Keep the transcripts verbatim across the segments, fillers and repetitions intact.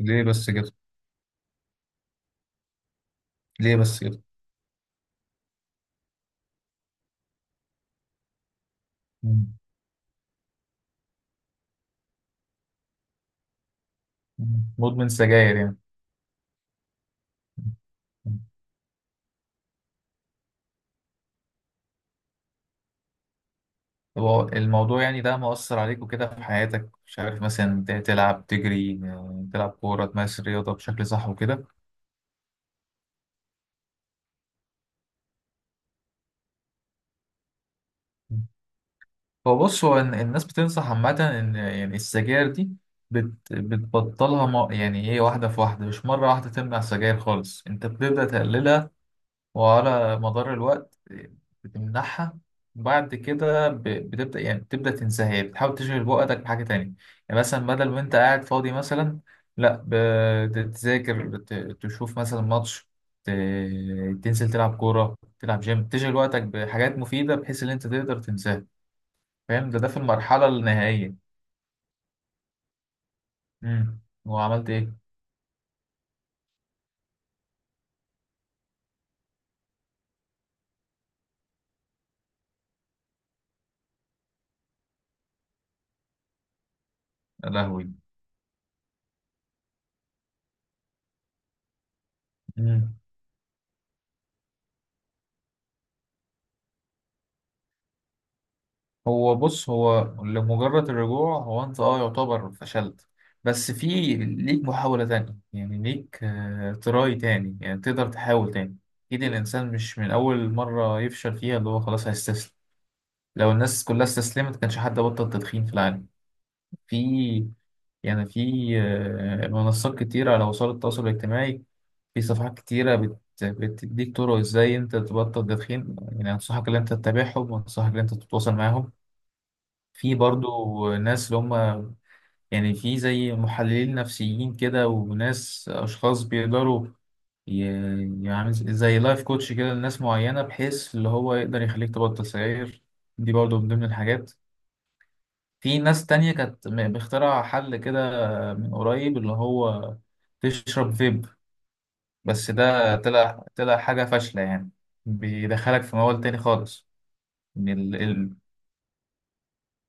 ليه بس كده. ليه بس كده. مم. مم. مدمن سجاير يعني. مم. طب هو الموضوع يعني ده مؤثر عليك وكده في حياتك، مش عارف مثلا ت- تلعب تجري، آه، تلعب كورة، تمارس الرياضة بشكل صح وكده. مم. هو بص، هو إن- الناس بتنصح عامة إن يعني السجاير دي بت بتبطلها، ما يعني إيه واحدة في واحدة، مش مرة واحدة تمنع السجاير خالص، أنت بتبدأ تقللها وعلى مدار الوقت بتمنحها، بعد كده ب- بتبدأ يعني بتبدأ تنساها، يعني بتحاول تشغل وقتك بحاجة تانية. يعني مثلا بدل ما انت قاعد فاضي مثلا، لا، بتذاكر، ت- تشوف مثلا ماتش، ت- تنزل تلعب كورة، تلعب جيم، تشغل وقتك بحاجات مفيدة بحيث ان انت تقدر تنساها. فاهم؟ ده ده في المرحلة النهائية. امم وعملت ايه؟ يا لهوي. هو بص، هو لمجرد الرجوع، هو انت اه يعتبر فشلت، بس في ليك محاولة تانية، يعني ليك آه، تراي تاني، يعني تقدر تحاول تاني. اكيد الانسان مش من اول مرة يفشل فيها اللي هو خلاص هيستسلم، لو الناس كلها استسلمت كانش حد بطل تدخين في العالم. في، يعني في آه، منصات كتيرة على وسائل التواصل الاجتماعي، في صفحات كتيرة بت... بتديك طرق ازاي انت تبطل تدخين، يعني انصحك ان انت تتابعهم وانصحك ان انت تتواصل معاهم. في برضو ناس اللي هم، يعني في زي محللين نفسيين كده وناس، أشخاص بيقدروا، ي- يعني زي لايف كوتش كده لناس معينة بحيث اللي هو يقدر يخليك تبطل سجاير. دي برضو من ضمن الحاجات. في ناس تانية كانت م- مخترعة حل كده من قريب اللي هو تشرب فيب، بس ده طلع طلع حاجة فاشلة يعني، بيدخلك في موال تاني خالص. من ال... ال...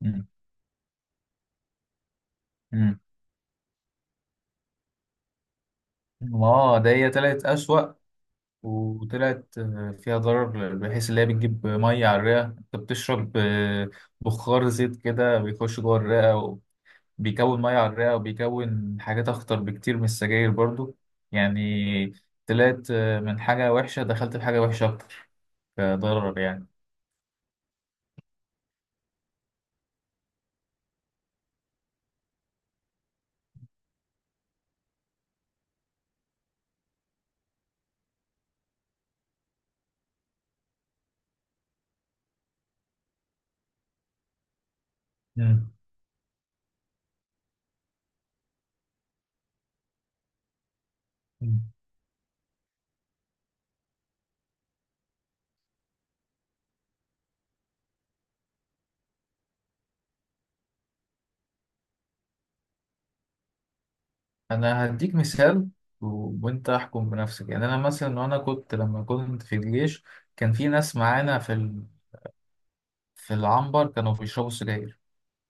م- م. ما ده هي طلعت أسوأ، وطلعت آه، فيها ضرر، بحيث اللي هي بتجيب ميه على الرئه، انت بتشرب آه، بخار زيت كده بيخش جوه الرئه، وبيكون ميه على الرئه وبيكون حاجات اخطر بكتير من السجاير برضو. يعني طلعت آه، من حاجه وحشه دخلت في حاجه وحشه اكتر كضرر يعني. مم. مم. انا هديك مثال و- وانت احكم بنفسك. يعني انا مثلا، وانا كنت لما كنت في الجيش، كان في ناس معانا في ال... في العنبر كانوا بيشربوا سجاير،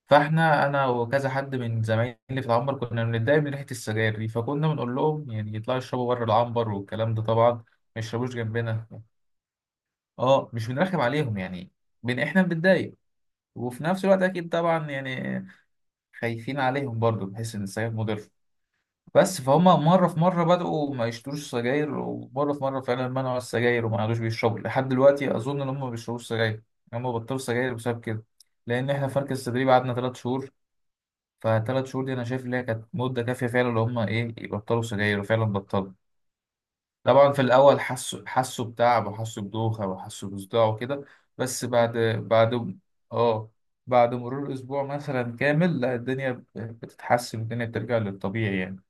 فاحنا انا وكذا حد من زمايلي في العنبر كنا بنتضايق من ريحه السجاير دي، فكنا بنقول لهم يعني يطلعوا يشربوا بره العنبر والكلام ده، طبعا ما يشربوش جنبنا. اه مش بنرخم عليهم يعني، بن احنا بنتضايق، وفي نفس الوقت اكيد طبعا يعني خايفين عليهم برضو بحيث ان السجاير مضر. بس فهم مره في مره بدأوا ما يشتروش سجاير، ومره في مره فعلا منعوا السجاير وما عادوش بيشربوا، لحد دلوقتي اظن ان هم ما بيشربوش سجاير، هم بطلوا سجاير بسبب كده. لان احنا في مركز التدريب قعدنا ثلاث شهور، فثلاث شهور دي انا شايف ان هي كانت مده كافيه فعلا ان هم ايه يبطلوا سجاير، وفعلا بطلوا. طبعا في الاول حسوا حسوا بتعب وحسوا بدوخه وحسوا بصداع وكده، بس بعد بعد اه بعد مرور اسبوع مثلا كامل، لا الدنيا ب- بتتحسن، الدنيا بترجع للطبيعي يعني.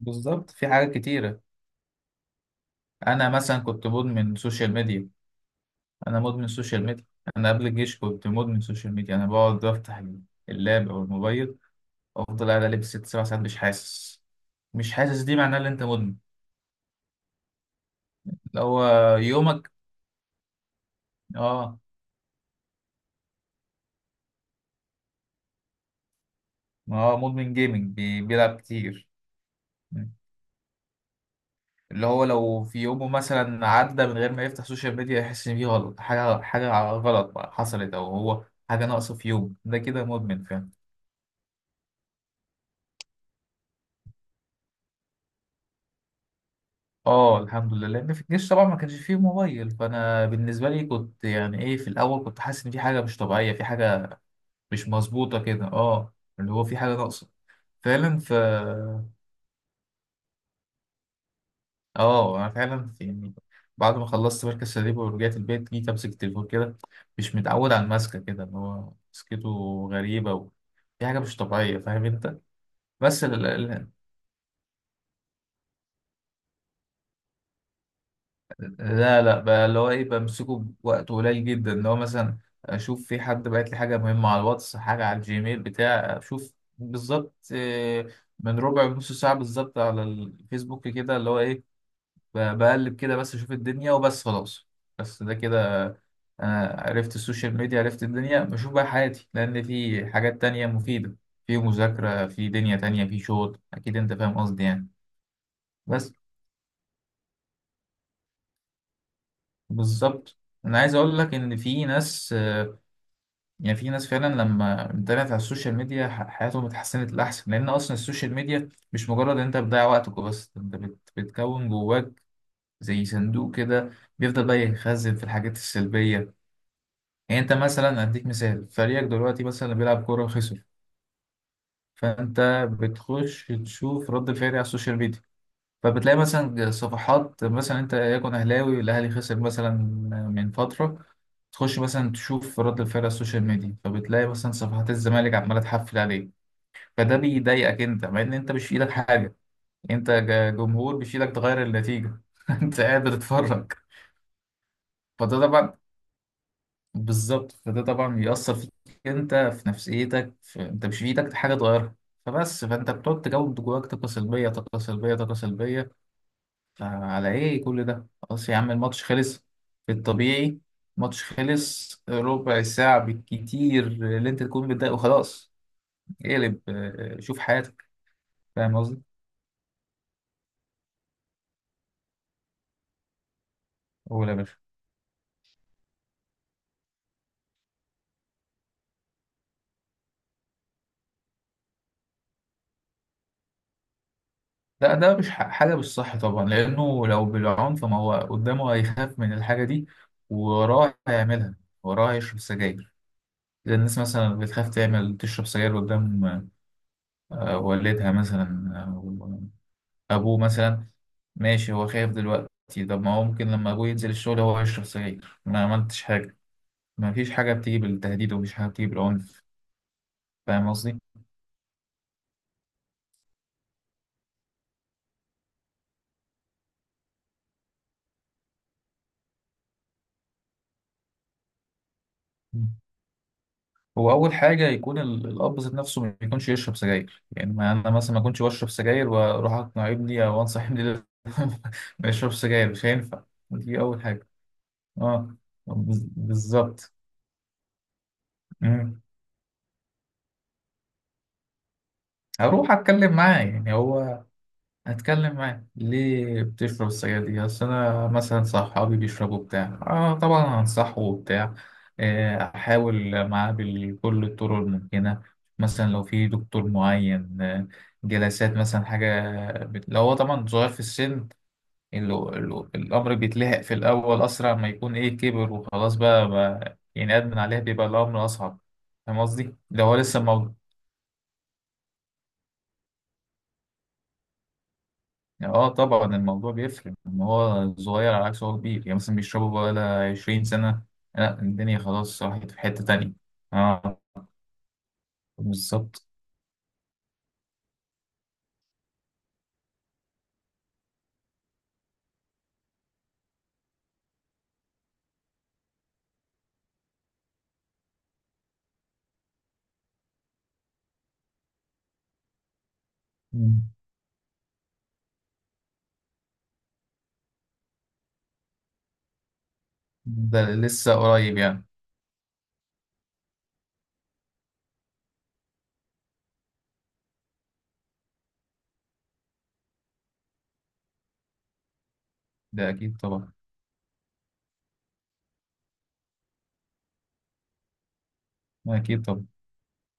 بالظبط في حاجات كتيره. انا مثلا كنت مدمن سوشيال ميديا. انا مدمن سوشيال ميديا. انا قبل الجيش كنت مدمن سوشيال ميديا، انا بقعد افتح اللاب او الموبايل، افضل قاعد لبس ست سبع ساعات مش حاسس، مش حاسس، دي معناها ان انت مدمن. اللي هو يومك اه. اه مدمن جيمنج، بي... بيلعب كتير. اللي هو لو في يومه مثلا عدى من غير ما يفتح سوشيال ميديا، يحس ان في غلط، حاجه، حاجه غلط بقى حصلت، او هو حاجه ناقصه في يوم ده كده، مدمن. فاهم؟ اه الحمد لله، لان في الجيش طبعا ما كانش فيه موبايل، فانا بالنسبه لي كنت يعني ايه، في الاول كنت حاسس ان في حاجه مش طبيعيه، في حاجه مش مظبوطه كده، اه، اللي هو في حاجه ناقصه. فعلا، ف اه انا فعلا في- يعني بعد ما خلصت مركز شباب ورجعت البيت، جيت امسك التليفون كده مش متعود على المسكه كده، ان هو مسكته غريبه و... دي حاجه مش طبيعيه. فاهم انت؟ بس ال... ال... لا لا بقى اللي هو ايه بمسكه بوقت قليل جدا، اللي هو مثلا اشوف في حد بعت لي حاجه مهمه على الواتس، حاجه على الجيميل بتاع اشوف، بالظبط آه، من ربع نص ساعه بالظبط على الفيسبوك كده، اللي هو ايه ب- بقلب كده بس اشوف الدنيا وبس، خلاص. بس ده كده، انا عرفت السوشيال ميديا، عرفت الدنيا، بشوف بقى حياتي، لان في حاجات تانية مفيدة، في مذاكرة، في دنيا تانية، في شغل، اكيد انت فاهم قصدي يعني. بس بالظبط. انا عايز اقول لك ان في ناس آه، يعني في ناس فعلا لما انتبهت على السوشيال ميديا، ح- حياتهم اتحسنت لاحسن، لان اصلا السوشيال ميديا مش مجرد ان انت بتضيع وقتك بس، انت بت- بتكون جواك زي صندوق كده، بيفضل بقى يخزن في الحاجات السلبية. يعني انت مثلا، اديك مثال، فريقك دلوقتي مثلا اللي بيلعب كورة خسر، فانت بتخش تشوف رد الفعل على السوشيال ميديا، فبتلاقي مثلا صفحات، مثلا انت يكون اهلاوي، الاهلي خسر مثلا من فتره، تخش مثلا تشوف رد الفعل على السوشيال ميديا، فبتلاقي مثلا صفحات الزمالك عماله تحفل عليك، فده بيضايقك انت، مع ان انت مش في ايدك حاجه، انت ج- جمهور، مش في ايدك تغير النتيجه انت قاعد بتتفرج. فده طبعا، بالظبط، فده طبعا بيأثر فيك انت في نفسيتك، في... انت مش في ايدك حاجه تغيرها، فبس فانت بتقعد تجود جواك طاقه سلبيه، طاقه سلبيه، طاقه سلبيه. فعلى ايه كل ده، خلاص يا عم الماتش خلص، في الطبيعي ماتش خلص ربع ساعه بالكتير اللي انت تكون متضايق وخلاص، اقلب، اه، شوف حياتك. فاهم قصدي؟ قول يا باشا. لا ده مش ح- حاجه مش صح طبعا، لانه لو بالعنف ما هو قدامه هيخاف من الحاجه دي ووراه هيعملها، وراه هيشرب سجاير، زي الناس مثلا بتخاف تعمل تشرب سجاير قدام آه، والدها مثلا أو أبوه مثلا، ماشي هو خايف دلوقتي، طب ما هو ممكن لما أبوه ينزل الشغل هو يشرب سجاير، ما عملتش حاجة. ما فيش حاجة بتيجي بالتهديد، ومفيش حاجة بتيجي بالعنف. فاهم قصدي؟ مم. هو أول حاجة يكون ال- الأب ذات نفسه ما يكونش يشرب سجاير، يعني ما أنا مثلا ما كنتش بشرب سجاير وأروح أقنع ابني أو أنصح ابني لا- ما يشربش سجاير، مش هينفع. دي أول حاجة. أه، بز- بالظبط. هروح اتكلم معاه، يعني هو هتكلم معاه ليه بتشرب السجاير دي، اصل انا مثلا صحابي بيشربوا بتاع، اه طبعا هنصحه وبتاع، آه، احاول معاه بكل الطرق الممكنه، مثلا لو في دكتور معين، آه، جلسات مثلا حاجه، بت... لو هو طبعا صغير في السن، ال... ال... الامر بيتلحق في الاول اسرع ما يكون، ايه كبر وخلاص بقى, بقى يعني ادمن عليه، بيبقى الامر اصعب. فاهم قصدي؟ لو هو لسه، يعني اه طبعا الموضوع بيفرق ان هو صغير على عكس هو كبير، يعني مثلا بيشربوا بقى لها عشرين سنة، لا الدنيا خلاص راحت في حتة تانية. اه بالظبط. مم. ده لسه قريب يعني. ده اكيد طبعا. اكيد طبعا.